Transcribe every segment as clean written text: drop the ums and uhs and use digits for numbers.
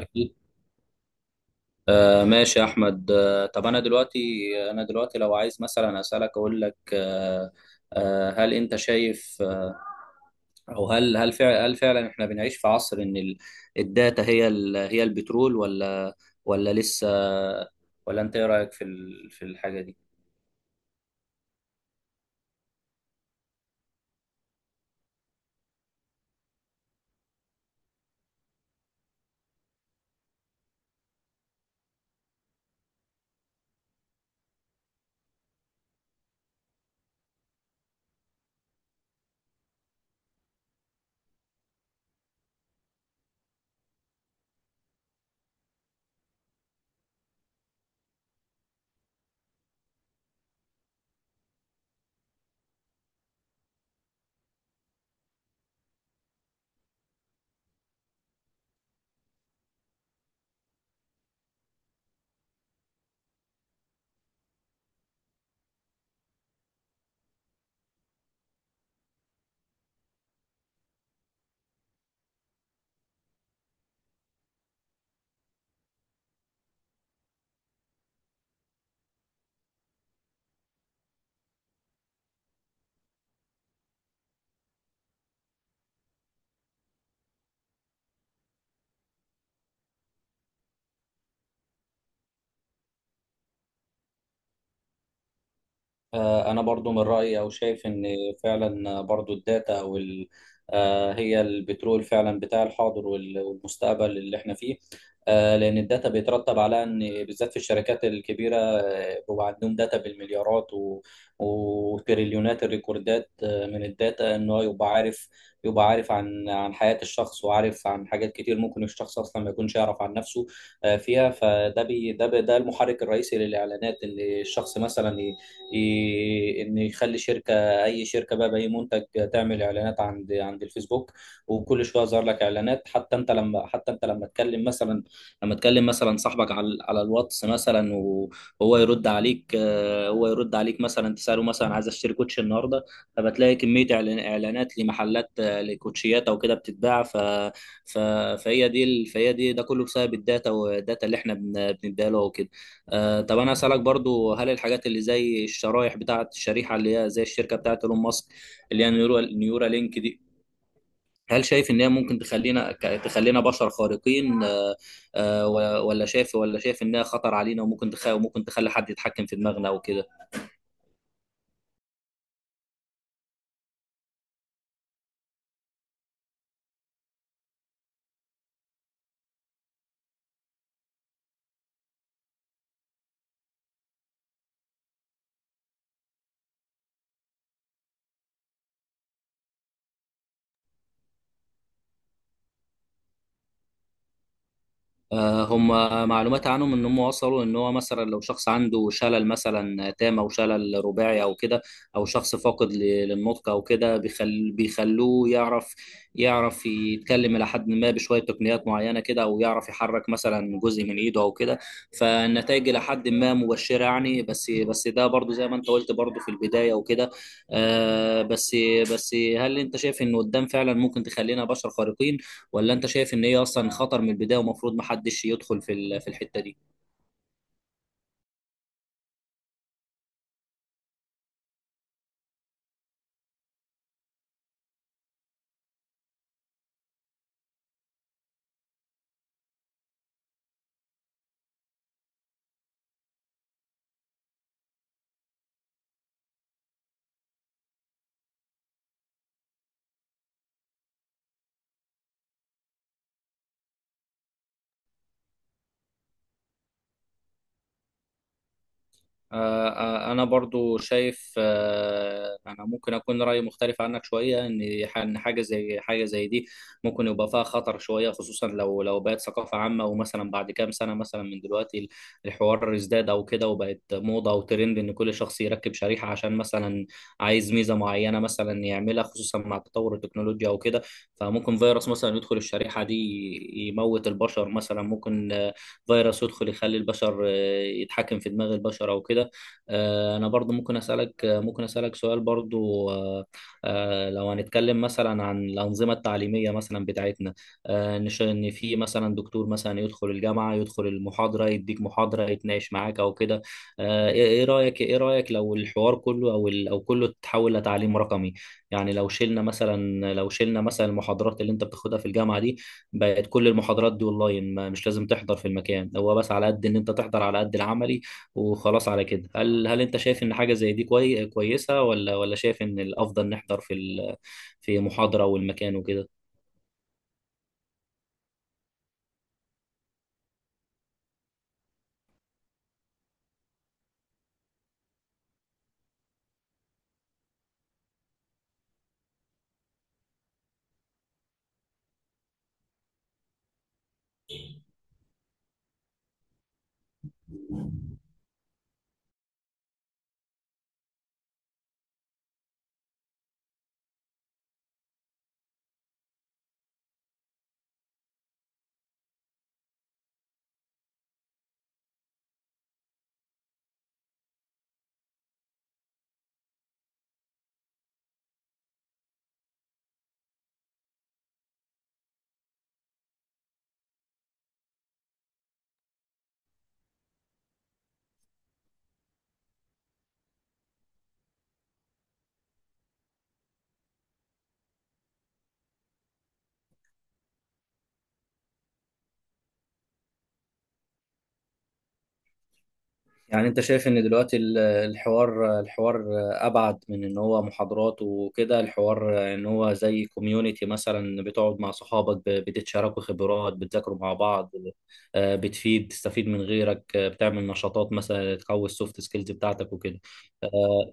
أكيد. ماشي يا أحمد. طب أنا دلوقتي لو عايز مثلا أسألك، أقول لك هل أنت شايف؟ أو هل فعلا هل فعلا إحنا بنعيش في عصر إن الداتا هي البترول، ولا لسه، ولا أنت إيه رأيك في في الحاجة دي؟ أنا برضو من رأيي، أو شايف إن فعلا برضو الداتا أو ال- آه، هي البترول فعلا بتاع الحاضر والمستقبل اللي إحنا فيه. لأن الداتا بيترتب على إن بالذات في الشركات الكبيرة بيبقى عندهم داتا بالمليارات وتريليونات الريكوردات من الداتا، إن هو يبقى عارف، يبقى عارف عن حياة الشخص، وعارف عن حاجات كتير ممكن الشخص أصلا ما يكونش يعرف عن نفسه. آه، فيها فده بي ده بي- ده المحرك الرئيسي للإعلانات. إن الشخص مثلا ان يخلي اي شركه بقى باي منتج، تعمل اعلانات عند الفيسبوك، وكل شويه يظهر لك اعلانات. حتى انت لما تكلم مثلا صاحبك على الواتس مثلا، وهو يرد عليك مثلا، تساله مثلا عايز اشتري كوتش النهارده، فبتلاقي كميه اعلانات لمحلات، لكوتشيات او كده بتتباع. ف ف- فهي دي ال- فهي دي ده كله بسبب الداتا، والداتا اللي احنا بنديها له وكده. طب انا اسالك برضو، هل الحاجات اللي زي الشرايح، بتاعه الشريحه اللي هي زي الشركه بتاعه ايلون ماسك، اللي هي نيورا لينك دي، هل شايف ان هي ممكن تخلينا بشر خارقين؟ ولا شايف انها خطر علينا، وممكن تخلي حد يتحكم في دماغنا وكده؟ هم معلومات عنهم ان هم وصلوا، ان هو مثلا لو شخص عنده شلل مثلا تام او شلل رباعي او كده، او شخص فاقد للنطق او كده، بيخلوه يعرف، يتكلم الى حد ما بشويه تقنيات معينه كده، او يعرف يحرك مثلا جزء من ايده او كده. فالنتائج الى حد ما مبشره يعني، بس ده برضو زي ما انت قلت برضو في البدايه وكده. آه بس بس هل انت شايف ان قدام فعلا ممكن تخلينا بشر خارقين، ولا انت شايف ان هي اصلا خطر من البدايه، ومفروض محدش يدخل في في الحته دي؟ انا برضو شايف، انا ممكن اكون رايي مختلف عنك شويه. إن حاجه زي دي ممكن يبقى فيها خطر شويه، خصوصا لو بقت ثقافه عامه، ومثلا بعد كام سنه مثلا من دلوقتي الحوار ازداد او كده، وبقت موضه وترند، ان كل شخص يركب شريحه عشان مثلا عايز ميزه معينه مثلا يعملها، خصوصا مع تطور التكنولوجيا او كده. فممكن فيروس مثلا يدخل الشريحه دي، يموت البشر مثلا، ممكن فيروس يدخل يخلي البشر يتحكم في دماغ البشر او كده. انا برضو ممكن اسالك سؤال برضو. لو هنتكلم مثلا عن الانظمه التعليميه مثلا بتاعتنا، ان في مثلا دكتور مثلا يدخل الجامعه، يدخل المحاضره، يديك محاضره، يتناقش معاك او كده، ايه رايك لو الحوار كله او كله تحول لتعليم رقمي؟ يعني لو شلنا مثلا المحاضرات اللي انت بتاخدها في الجامعه دي، بقت كل المحاضرات دي اونلاين، مش لازم تحضر في المكان، هو بس على قد ان انت تحضر على قد العملي وخلاص. على كده، هل انت شايف ان حاجه زي دي كويسه، ولا شايف ان الافضل نحضر في في محاضره والمكان وكده؟ يعني انت شايف ان دلوقتي الحوار ابعد من ان هو محاضرات وكده، الحوار ان هو زي كوميونيتي، مثلا بتقعد مع صحابك، بتتشاركوا خبرات، بتذاكروا مع بعض، آه، بتفيد تستفيد من غيرك، بتعمل نشاطات مثلا تقوي السوفت سكيلز بتاعتك وكده. آه،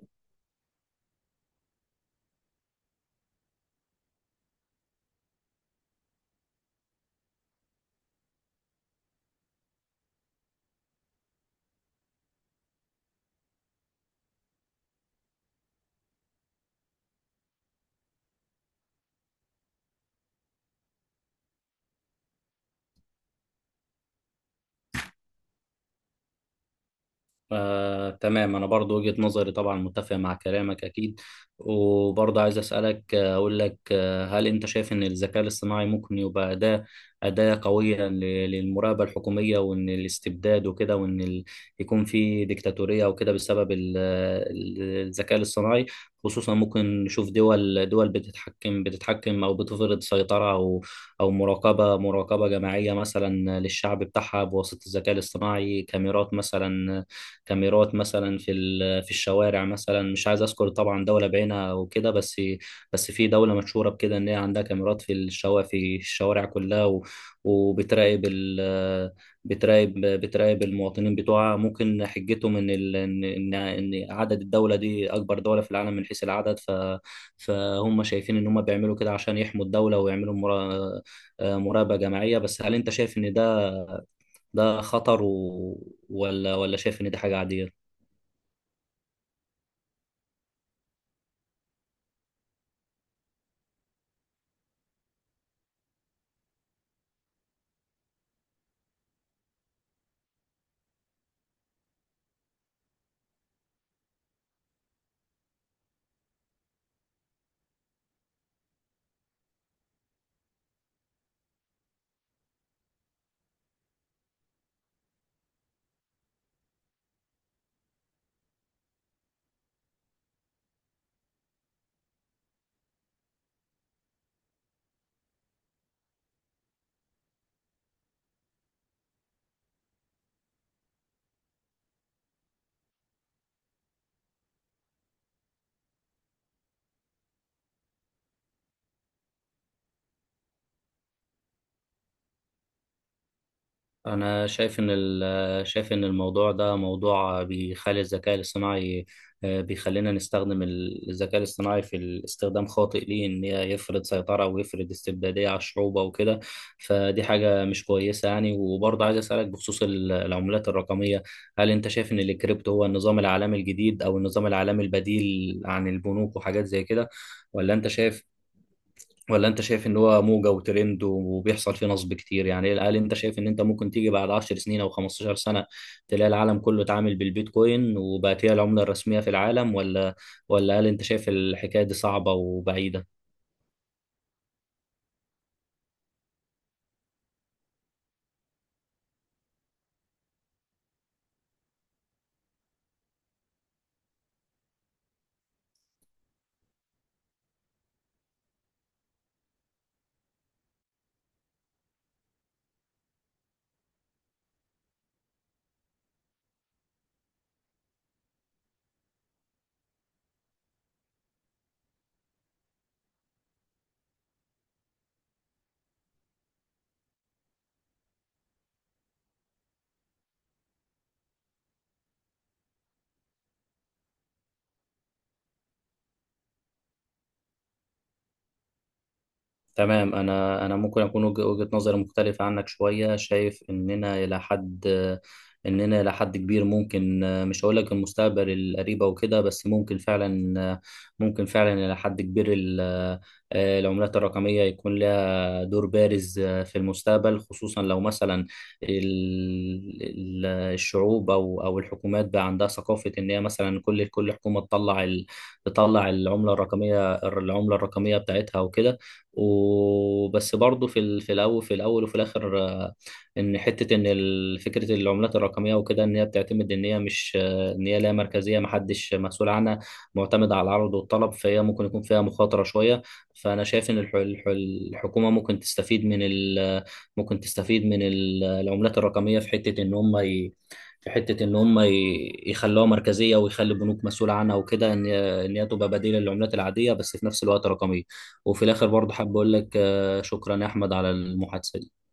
تمام، أنا برضو وجهة نظري طبعا متفق مع كلامك، أكيد. وبرضو عايز أسألك، آه، أقول لك آه، هل أنت شايف إن الذكاء الاصطناعي ممكن يبقى أداة، قوية للمراقبة الحكومية، وإن الاستبداد وكده، يكون في ديكتاتورية وكده بسبب الذكاء الاصطناعي؟ خصوصا ممكن نشوف دول بتتحكم، أو بتفرض سيطرة، أو مراقبة جماعية مثلا للشعب بتاعها بواسطة الذكاء الاصطناعي. كاميرات مثلا في في الشوارع مثلا. مش عايز اذكر طبعا دوله بعينها وكده، بس بس في دوله مشهوره بكده ان هي عندها كاميرات في الشوارع، كلها، وبتراقب ال بتراقب بتراقب المواطنين بتوعها. ممكن حجتهم ان ال- ان ان إن عدد الدوله دي اكبر دوله في العالم من حيث العدد. فهم شايفين ان هم بيعملوا كده عشان يحموا الدوله، ويعملوا مراقبه جماعيه. بس هل انت شايف ان ده خطر، و... ولا ولا شايف ان دي حاجه عاديه؟ أنا شايف إن الموضوع ده موضوع بيخلي الذكاء الاصطناعي، بيخلينا نستخدم الذكاء الاصطناعي في الاستخدام خاطئ، ليه؟ إن هي يفرض سيطرة ويفرض استبدادية على الشعوب وكده، فدي حاجة مش كويسة يعني. وبرضه عايز أسألك بخصوص العملات الرقمية، هل أنت شايف إن الكريبتو هو النظام العالمي الجديد، أو النظام العالمي البديل عن البنوك وحاجات زي كده، ولا أنت شايف ولا انت شايف ان هو موجة وترند وبيحصل فيه نصب كتير يعني؟ هل انت شايف ان انت ممكن تيجي بعد 10 سنين او 15 سنة، تلاقي العالم كله اتعامل بالبيتكوين وبقت هي العملة الرسمية في العالم، ولا هل انت شايف الحكاية دي صعبة وبعيدة؟ تمام، انا ممكن اكون وجهة نظري مختلفة عنك شوية، شايف اننا الى حد كبير ممكن. مش هقول لك المستقبل القريب او كده، بس ممكن فعلا الى حد كبير، العملات الرقمية يكون لها دور بارز في المستقبل، خصوصا لو مثلا الشعوب او الحكومات، بقى عندها ثقافه ان هي مثلا كل حكومه تطلع تطلع العمله الرقميه بتاعتها وكده. وبس برضه في الاول وفي الاخر، ان حته فكره العملات الرقميه وكده، ان هي بتعتمد ان هي لا مركزيه، محدش مسؤول عنها، معتمده على العرض والطلب، فهي ممكن يكون فيها مخاطره شويه. فانا شايف ان الحكومه ممكن تستفيد من العملات الرقميه، في حته ان هم يخلوها مركزيه، ويخلي البنوك مسؤوله عنها وكده، ان هي تبقى بديله للعملات العاديه، بس في نفس الوقت رقميه. وفي الاخر برضه حابب اقول لك آه، شكرا يا احمد على المحادثه دي.